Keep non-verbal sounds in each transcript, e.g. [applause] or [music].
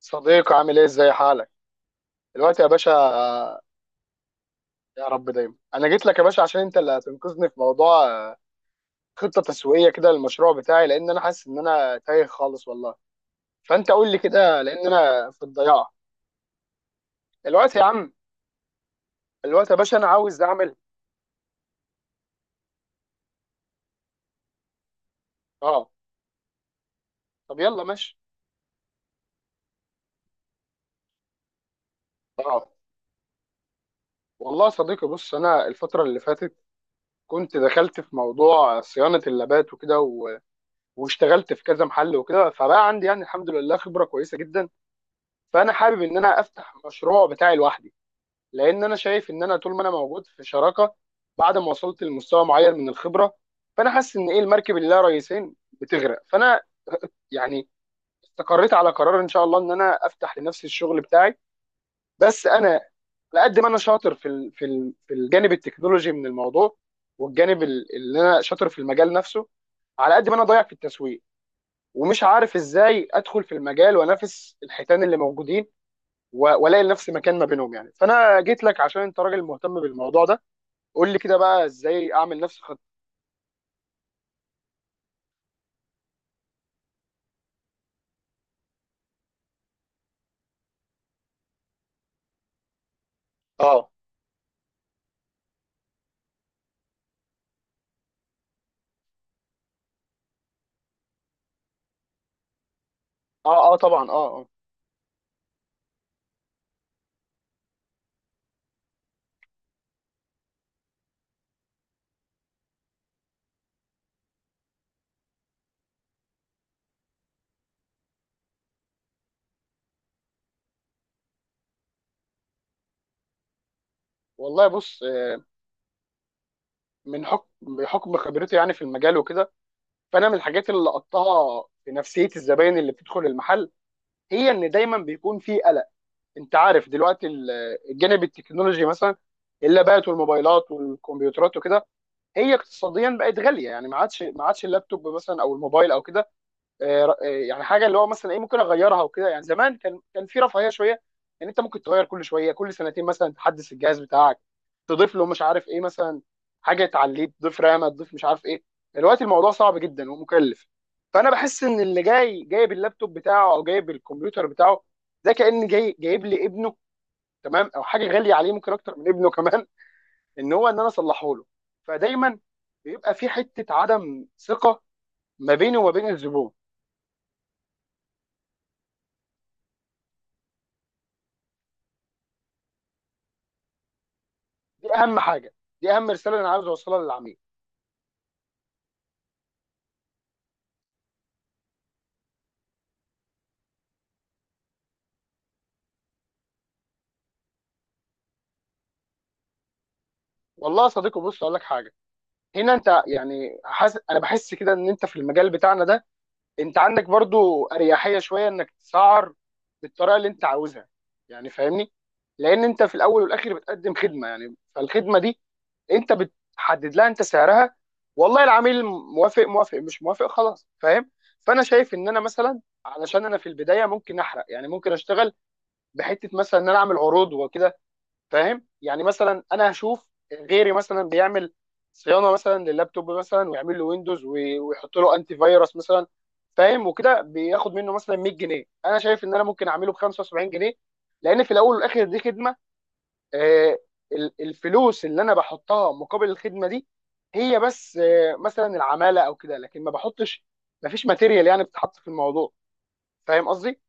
صديقي عامل ايه، ازاي حالك دلوقتي يا باشا؟ يا رب دايما. انا جيت لك يا باشا عشان انت اللي هتنقذني في موضوع خطه تسويقيه كده للمشروع بتاعي، لان انا حاسس ان انا تايه خالص والله. فانت قول لي كده لان انا في الضياع دلوقتي يا عم. دلوقتي يا باشا انا عاوز اعمل. اه، طب يلا ماشي. اه والله يا صديقي، بص، انا الفتره اللي فاتت كنت دخلت في موضوع صيانه اللابات وكده و... واشتغلت في كذا محل وكده، فبقى عندي يعني الحمد لله خبره كويسه جدا. فانا حابب ان انا افتح مشروع بتاعي لوحدي، لان انا شايف ان انا طول ما انا موجود في شراكه بعد ما وصلت لمستوى معين من الخبره، فانا حاسس ان ايه، المركب اللي لها رئيسين بتغرق، فانا [laughs] يعني استقريت على قرار ان شاء الله ان انا افتح لنفسي الشغل بتاعي. بس انا على قد ما انا شاطر في الجانب التكنولوجي من الموضوع والجانب اللي انا شاطر في المجال نفسه، على قد ما انا ضايع في التسويق ومش عارف ازاي ادخل في المجال وانافس الحيتان اللي موجودين والاقي لنفسي مكان ما بينهم يعني. فانا جيت لك عشان انت راجل مهتم بالموضوع ده. قول لي كده بقى ازاي اعمل نفس الخط. اه اه طبعا اه. والله بص، من حكم بحكم خبرتي يعني في المجال وكده، فانا من الحاجات اللي لقطتها في نفسيه الزباين اللي بتدخل المحل هي ان دايما بيكون في قلق. انت عارف دلوقتي الجانب التكنولوجي مثلا، اللابات والموبايلات والكمبيوترات وكده، هي اقتصاديا بقت غاليه. يعني ما عادش اللابتوب مثلا او الموبايل او كده يعني حاجه اللي هو مثلا ايه ممكن اغيرها وكده. يعني زمان كان في رفاهيه شويه، ان يعني انت ممكن تغير كل شويه كل سنتين مثلا تحدث الجهاز بتاعك، تضيف له مش عارف ايه مثلا، حاجه تعليه، تضيف رامه، تضيف مش عارف ايه. دلوقتي الموضوع صعب جدا ومكلف. فانا بحس ان اللي جاي جايب اللابتوب بتاعه او جايب الكمبيوتر بتاعه، ده كان جاي جايب لي ابنه، تمام، او حاجه غاليه عليه ممكن اكتر من ابنه كمان، ان هو ان انا اصلحه له. فدايما بيبقى في حته عدم ثقه ما بيني وما بين الزبون. دي اهم حاجه، دي اهم رساله انا عاوز اوصلها للعميل. والله يا صديقي بص اقول لك حاجه، هنا انت يعني حاسس، انا بحس كده ان انت في المجال بتاعنا ده انت عندك برضو اريحيه شويه انك تسعر بالطريقه اللي انت عاوزها، يعني فاهمني، لان انت في الاول والاخر بتقدم خدمه، يعني فالخدمه دي انت بتحدد لها انت سعرها، والله العميل موافق، موافق مش موافق خلاص، فاهم. فانا شايف ان انا مثلا علشان انا في البدايه ممكن احرق، يعني ممكن اشتغل بحته مثلا ان انا اعمل عروض وكده. فاهم يعني مثلا انا هشوف غيري مثلا بيعمل صيانه مثلا لللابتوب مثلا ويعمل له ويندوز ويحط له انتي فيروس مثلا، فاهم، وكده بياخد منه مثلا 100 جنيه، انا شايف ان انا ممكن اعمله ب 75 جنيه. لان في الاول والاخر دي خدمه. آه، الفلوس اللي انا بحطها مقابل الخدمه دي هي بس مثلا العماله او كده، لكن ما بحطش، ما فيش ماتيريال يعني بتتحط في الموضوع، فاهم قصدي.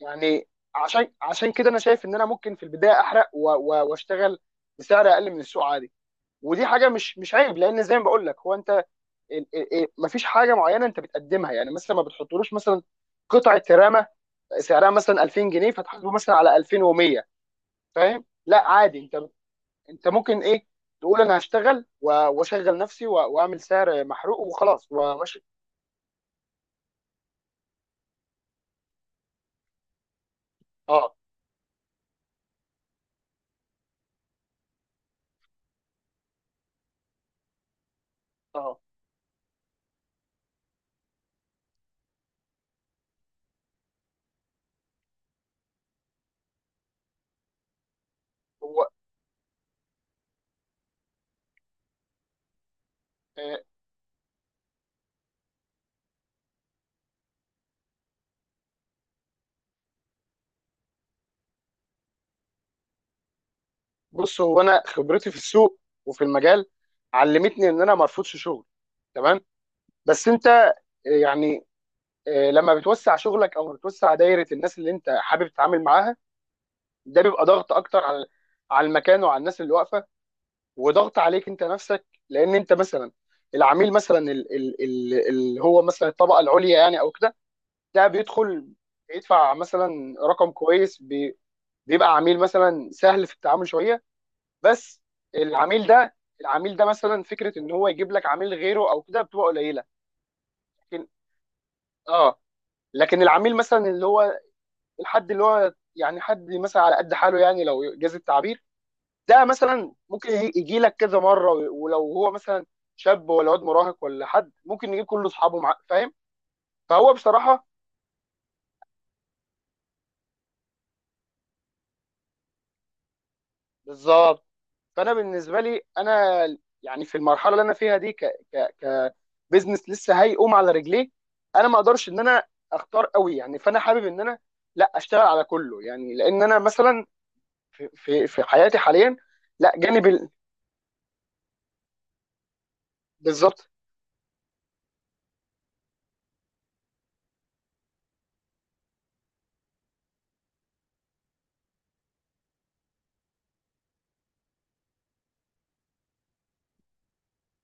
يعني عشان كده انا شايف ان انا ممكن في البدايه احرق واشتغل بسعر اقل من السوق عادي، ودي حاجه مش عيب، لان زي ما بقول لك هو انت مفيش حاجه معينه انت بتقدمها، يعني مثلا ما بتحطلوش مثلا قطعه رامه سعرها مثلا 2000 جنيه فتحاسبه مثلا على 2100، فاهم، لا عادي انت، انت ممكن ايه، تقول انا هشتغل واشغل نفسي واعمل سعر محروق وخلاص وماشي. اه اه هو آه، بص هو انا خبرتي في السوق وفي المجال علمتني ان انا ما ارفضش شغل، تمام، بس انت يعني لما بتوسع شغلك او بتوسع دايره الناس اللي انت حابب تتعامل معاها، ده بيبقى ضغط اكتر على المكان وعلى الناس اللي واقفه، وضغط عليك انت نفسك. لان انت مثلا العميل مثلا اللي هو مثلا الطبقه العليا يعني او كده، ده بيدخل يدفع مثلا رقم كويس بيبقى عميل مثلا سهل في التعامل شويه. بس العميل ده العميل ده مثلا فكره ان هو يجيب لك عميل غيره او كده بتبقى قليله. لكن اه، لكن العميل مثلا اللي هو الحد اللي هو يعني حد مثلا على قد حاله يعني لو جاز التعبير، ده مثلا ممكن يجي لك كذا مره. ولو هو مثلا شاب ولا واد مراهق ولا حد، ممكن يجيب كل اصحابه معاه، فاهم. فهو بصراحه بالظبط. فانا بالنسبه لي انا يعني في المرحله اللي انا فيها دي ك ك كبزنس لسه هيقوم على رجليه انا ما اقدرش ان انا اختار قوي يعني. فانا حابب ان انا لا اشتغل على كله يعني، لان انا مثلا في حياتي حاليا لا جانب بالظبط.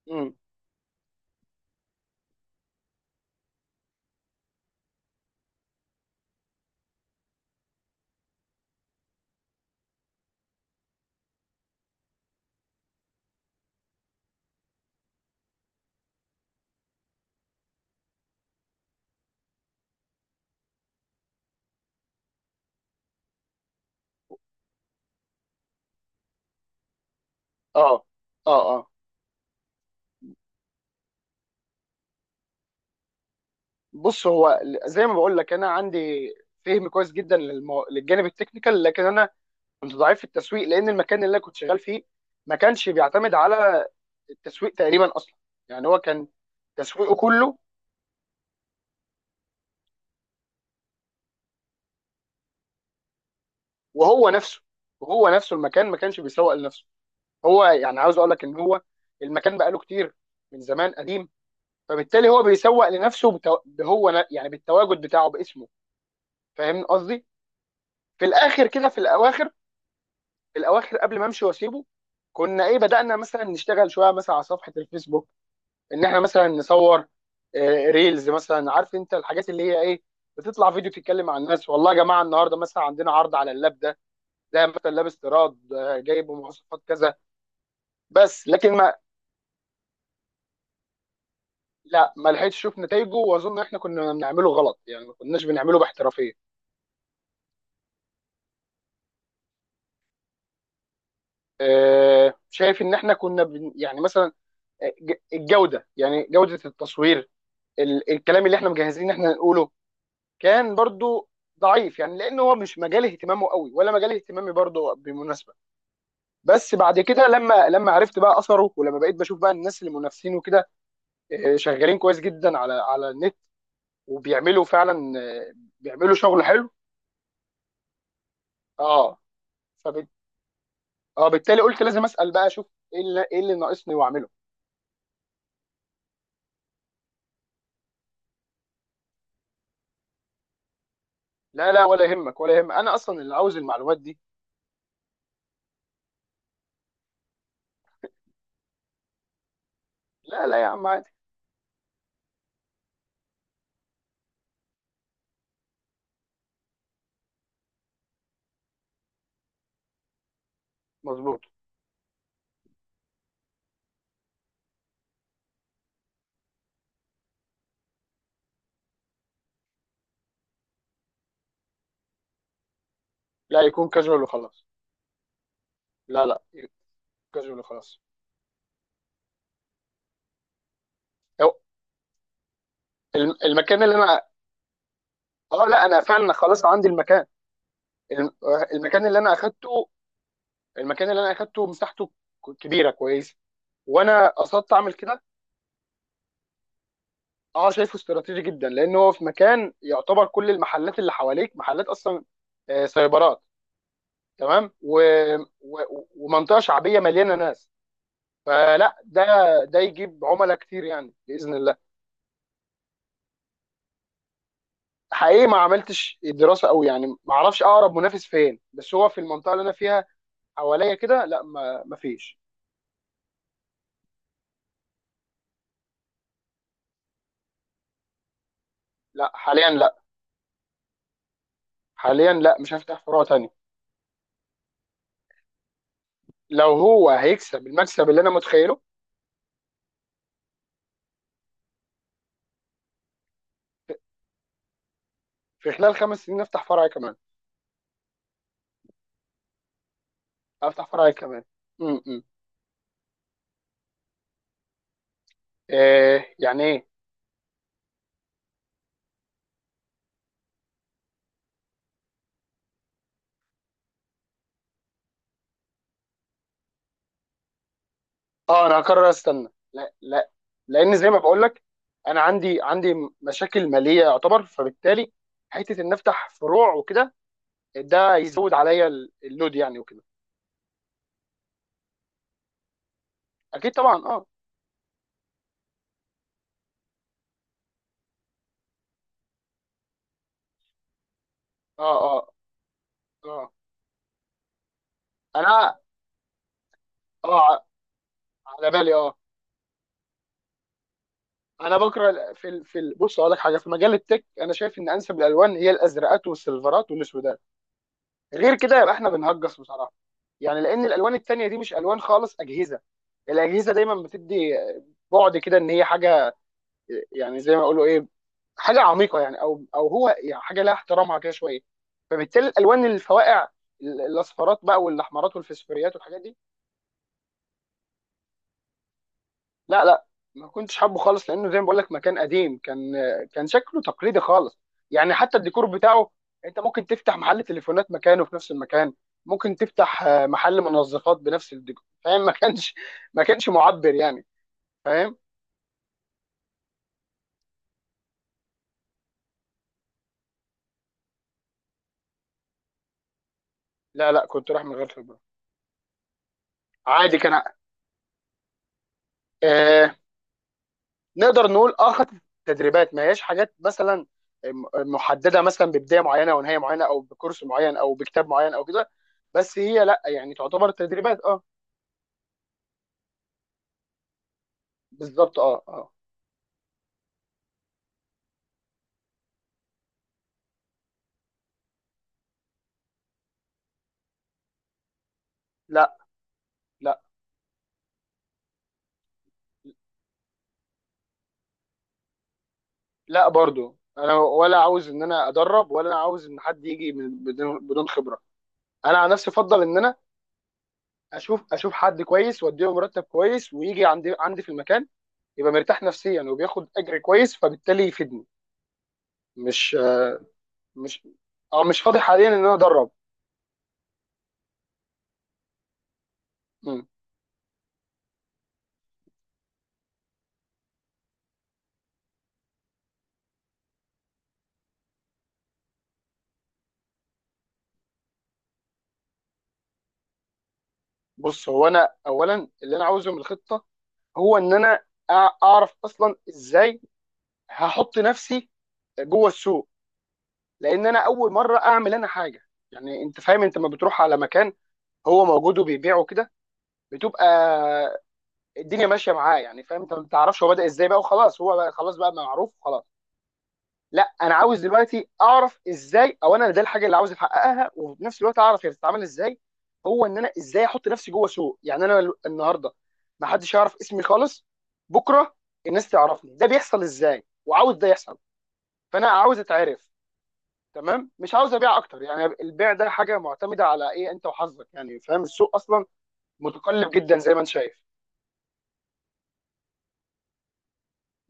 مم. اه اه. بص، هو زي ما بقول لك انا عندي فهم كويس جدا للجانب التكنيكال، لكن انا كنت ضعيف في التسويق لان المكان اللي انا كنت شغال فيه ما كانش بيعتمد على التسويق تقريبا اصلا، يعني هو كان تسويقه كله. وهو نفسه وهو نفسه المكان ما كانش بيسوق لنفسه. هو يعني عاوز اقول لك ان هو المكان بقاله كتير من زمان قديم، فبالتالي هو بيسوق لنفسه يعني بالتواجد بتاعه باسمه، فاهمني قصدي. في الاخر كده في الاواخر، قبل ما امشي واسيبه كنا ايه بدأنا مثلا نشتغل شويه مثلا على صفحه الفيسبوك ان احنا مثلا نصور ريلز مثلا، عارف انت الحاجات اللي هي ايه، بتطلع فيديو تتكلم مع الناس والله يا جماعه النهارده مثلا عندنا عرض على اللاب ده، ده مثلا لاب استيراد جايب مواصفات كذا. بس لكن ما لا ما لحقتش اشوف نتائجه، واظن احنا كنا بنعمله غلط يعني، ما كناش بنعمله باحترافيه. شايف ان احنا كنا بن يعني مثلا الجوده، يعني جوده التصوير، الكلام اللي احنا مجهزين ان احنا نقوله كان برضو ضعيف يعني، لان هو مش مجال اهتمامه قوي ولا مجال اهتمامي برضو بالمناسبه. بس بعد كده لما عرفت بقى اثره، ولما بقيت بشوف بقى الناس اللي منافسين وكده شغالين كويس جدا على النت وبيعملوا فعلا آه، بيعملوا شغل حلو. اه فبت... اه بالتالي قلت لازم اسال بقى، اشوف ايه اللي ناقصني واعمله. لا لا ولا يهمك، انا اصلا اللي عاوز المعلومات دي. لا لا يا عم عادي. مظبوط. لا يكون كاجوال وخلاص. لا لا كاجوال وخلاص. هو المكان اللي انا، اه لا انا فعلا خلاص عندي المكان. المكان اللي انا اخدته، مساحته كبيره كويسه، وانا قصدت اعمل كده. اه شايفه استراتيجي جدا، لان هو في مكان يعتبر كل المحلات اللي حواليك محلات اصلا سايبرات، تمام، و... ومنطقه شعبيه مليانه ناس، فلا ده، ده يجيب عملاء كتير يعني باذن الله. حقيقي ما عملتش دراسه قوي يعني، ما اعرفش اقرب منافس فين، بس هو في المنطقه اللي انا فيها حواليا كده لا، ما فيش. لا حاليا لا، مش هفتح فروع تانية. لو هو هيكسب المكسب اللي انا متخيله في خلال 5 سنين افتح فرع كمان، افتح فرع كمان امم. إيه يعني ايه؟ اه انا هقرر استنى، لا لا. لان زي ما بقول لك انا عندي مشاكل ماليه يعتبر، فبالتالي حته ان افتح فروع وكده ده يزود عليا اللود يعني وكده. اكيد طبعا اه اه اه انا اه على بالي اه. انا بكره بص اقول لك حاجه، في مجال التك انا شايف ان انسب الالوان هي الازرقات والسيلفرات والاسود، غير كده يبقى احنا بنهجص بصراحه، يعني لان الالوان التانيه دي مش الوان خالص اجهزه. الاجهزه دايما بتدي بعد كده ان هي حاجه يعني زي ما اقولوا ايه، حاجه عميقه يعني، او هو يعني حاجه لها احترامها كده شويه. فبالتالي الالوان الفواقع الاصفرات بقى والاحمرات والفسفوريات والحاجات دي. لا لا ما كنتش حابه خالص، لانه زي ما بقول لك مكان قديم كان شكله تقليدي خالص، يعني حتى الديكور بتاعه انت ممكن تفتح محل تليفونات مكانه في نفس المكان، ممكن تفتح محل منظفات بنفس الديكور، فاهم. ما كانش معبر يعني، فاهم. لا لا كنت رايح من غير خبره. عادي كان آه نقدر نقول اه خدت تدريبات، ما هياش حاجات مثلا محدده مثلا ببدايه معينه او نهايه معينه او بكورس معين او بكتاب معين او كده، بس هي لا يعني تعتبر تدريبات اه. بالظبط اه اه. لا لا، لا برضو انا ولا عاوز ان انا ادرب، ولا انا عاوز ان حد يجي بدون خبره. انا عن نفسي افضل ان انا اشوف حد كويس واديله مرتب كويس ويجي عندي في المكان، يبقى مرتاح نفسيا وبياخد اجر كويس فبالتالي يفيدني. مش مش اه مش فاضي حاليا ان انا ادرب. مم. بص هو انا اولا اللي انا عاوزه من الخطه هو ان انا اعرف اصلا ازاي هحط نفسي جوه السوق، لان انا اول مره اعمل انا حاجه. يعني انت فاهم انت لما بتروح على مكان هو موجود وبيبيعه كده، بتبقى الدنيا ماشيه معاه يعني، فاهم، انت ما تعرفش هو بدا ازاي بقى وخلاص، هو بقى خلاص بقى معروف وخلاص. لا انا عاوز دلوقتي اعرف ازاي، او انا ده الحاجه اللي عاوز احققها، وفي نفس الوقت اعرف هي بتتعمل ازاي، هو ان انا ازاي احط نفسي جوه سوق، يعني انا النهارده ما حدش يعرف اسمي خالص، بكره الناس تعرفني، ده بيحصل ازاي وعاوز ده يحصل، فانا عاوز اتعرف. تمام، مش عاوز ابيع اكتر يعني البيع ده حاجه معتمده على ايه انت وحظك يعني فاهم، السوق اصلا متقلب جدا زي ما انت شايف،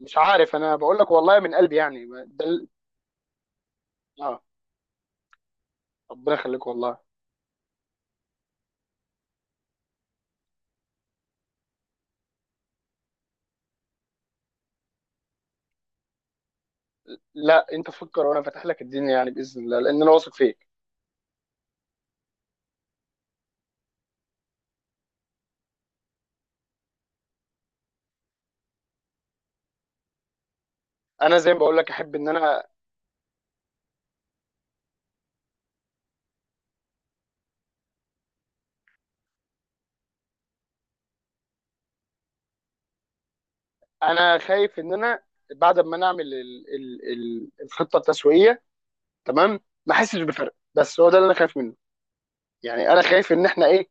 مش عارف. انا بقول لك والله من قلبي يعني ده اه. ربنا يخليك والله. لا انت فكر وانا فاتح لك الدنيا يعني باذن الله، لان انا واثق فيك. انا زي ما بقول لك احب ان انا، انا خايف ان انا بعد ما نعمل الخطه التسويقيه تمام ما احسش بفرق، بس هو ده اللي انا خايف منه. يعني انا خايف ان احنا ايه،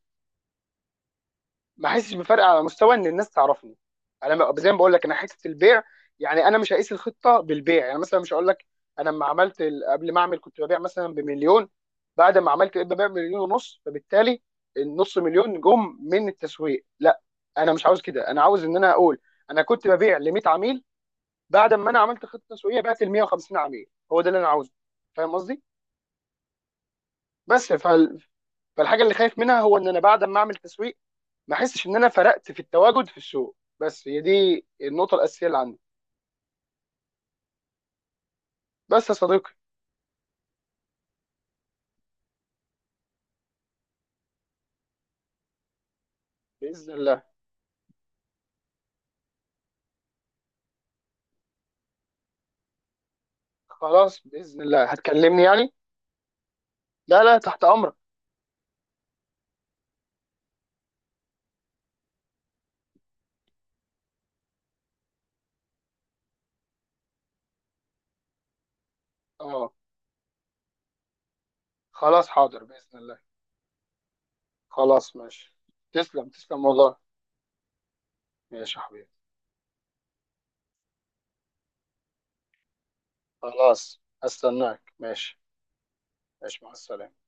ما احسش بفرق على مستوى ان الناس تعرفني. زي ما بقول لك انا حته البيع، يعني انا مش هقيس الخطه بالبيع. يعني مثلا مش هقول لك انا لما عملت قبل ما اعمل كنت ببيع مثلا بمليون، بعد ما عملت بقيت ببيع بمليون ونص، فبالتالي النص مليون جم من التسويق، لا. انا مش عاوز كده، انا عاوز ان انا اقول انا كنت ببيع ل 100 عميل، بعد ما انا عملت خطه تسويقيه بعت ل 150 عميل، هو ده اللي انا عاوزه، فاهم قصدي. بس فال... فالحاجه اللي خايف منها هو ان انا بعد ما اعمل تسويق ما احسش ان انا فرقت في التواجد في السوق، بس هي دي النقطه الاساسيه اللي عندي. بس يا صديقي باذن الله. خلاص باذن الله هتكلمني يعني. لا لا تحت امرك. اه خلاص حاضر باذن الله. خلاص ماشي. تسلم تسلم والله. ماشي يا حبيبي. خلاص هستناك ماشي. ماشي مع السلامه.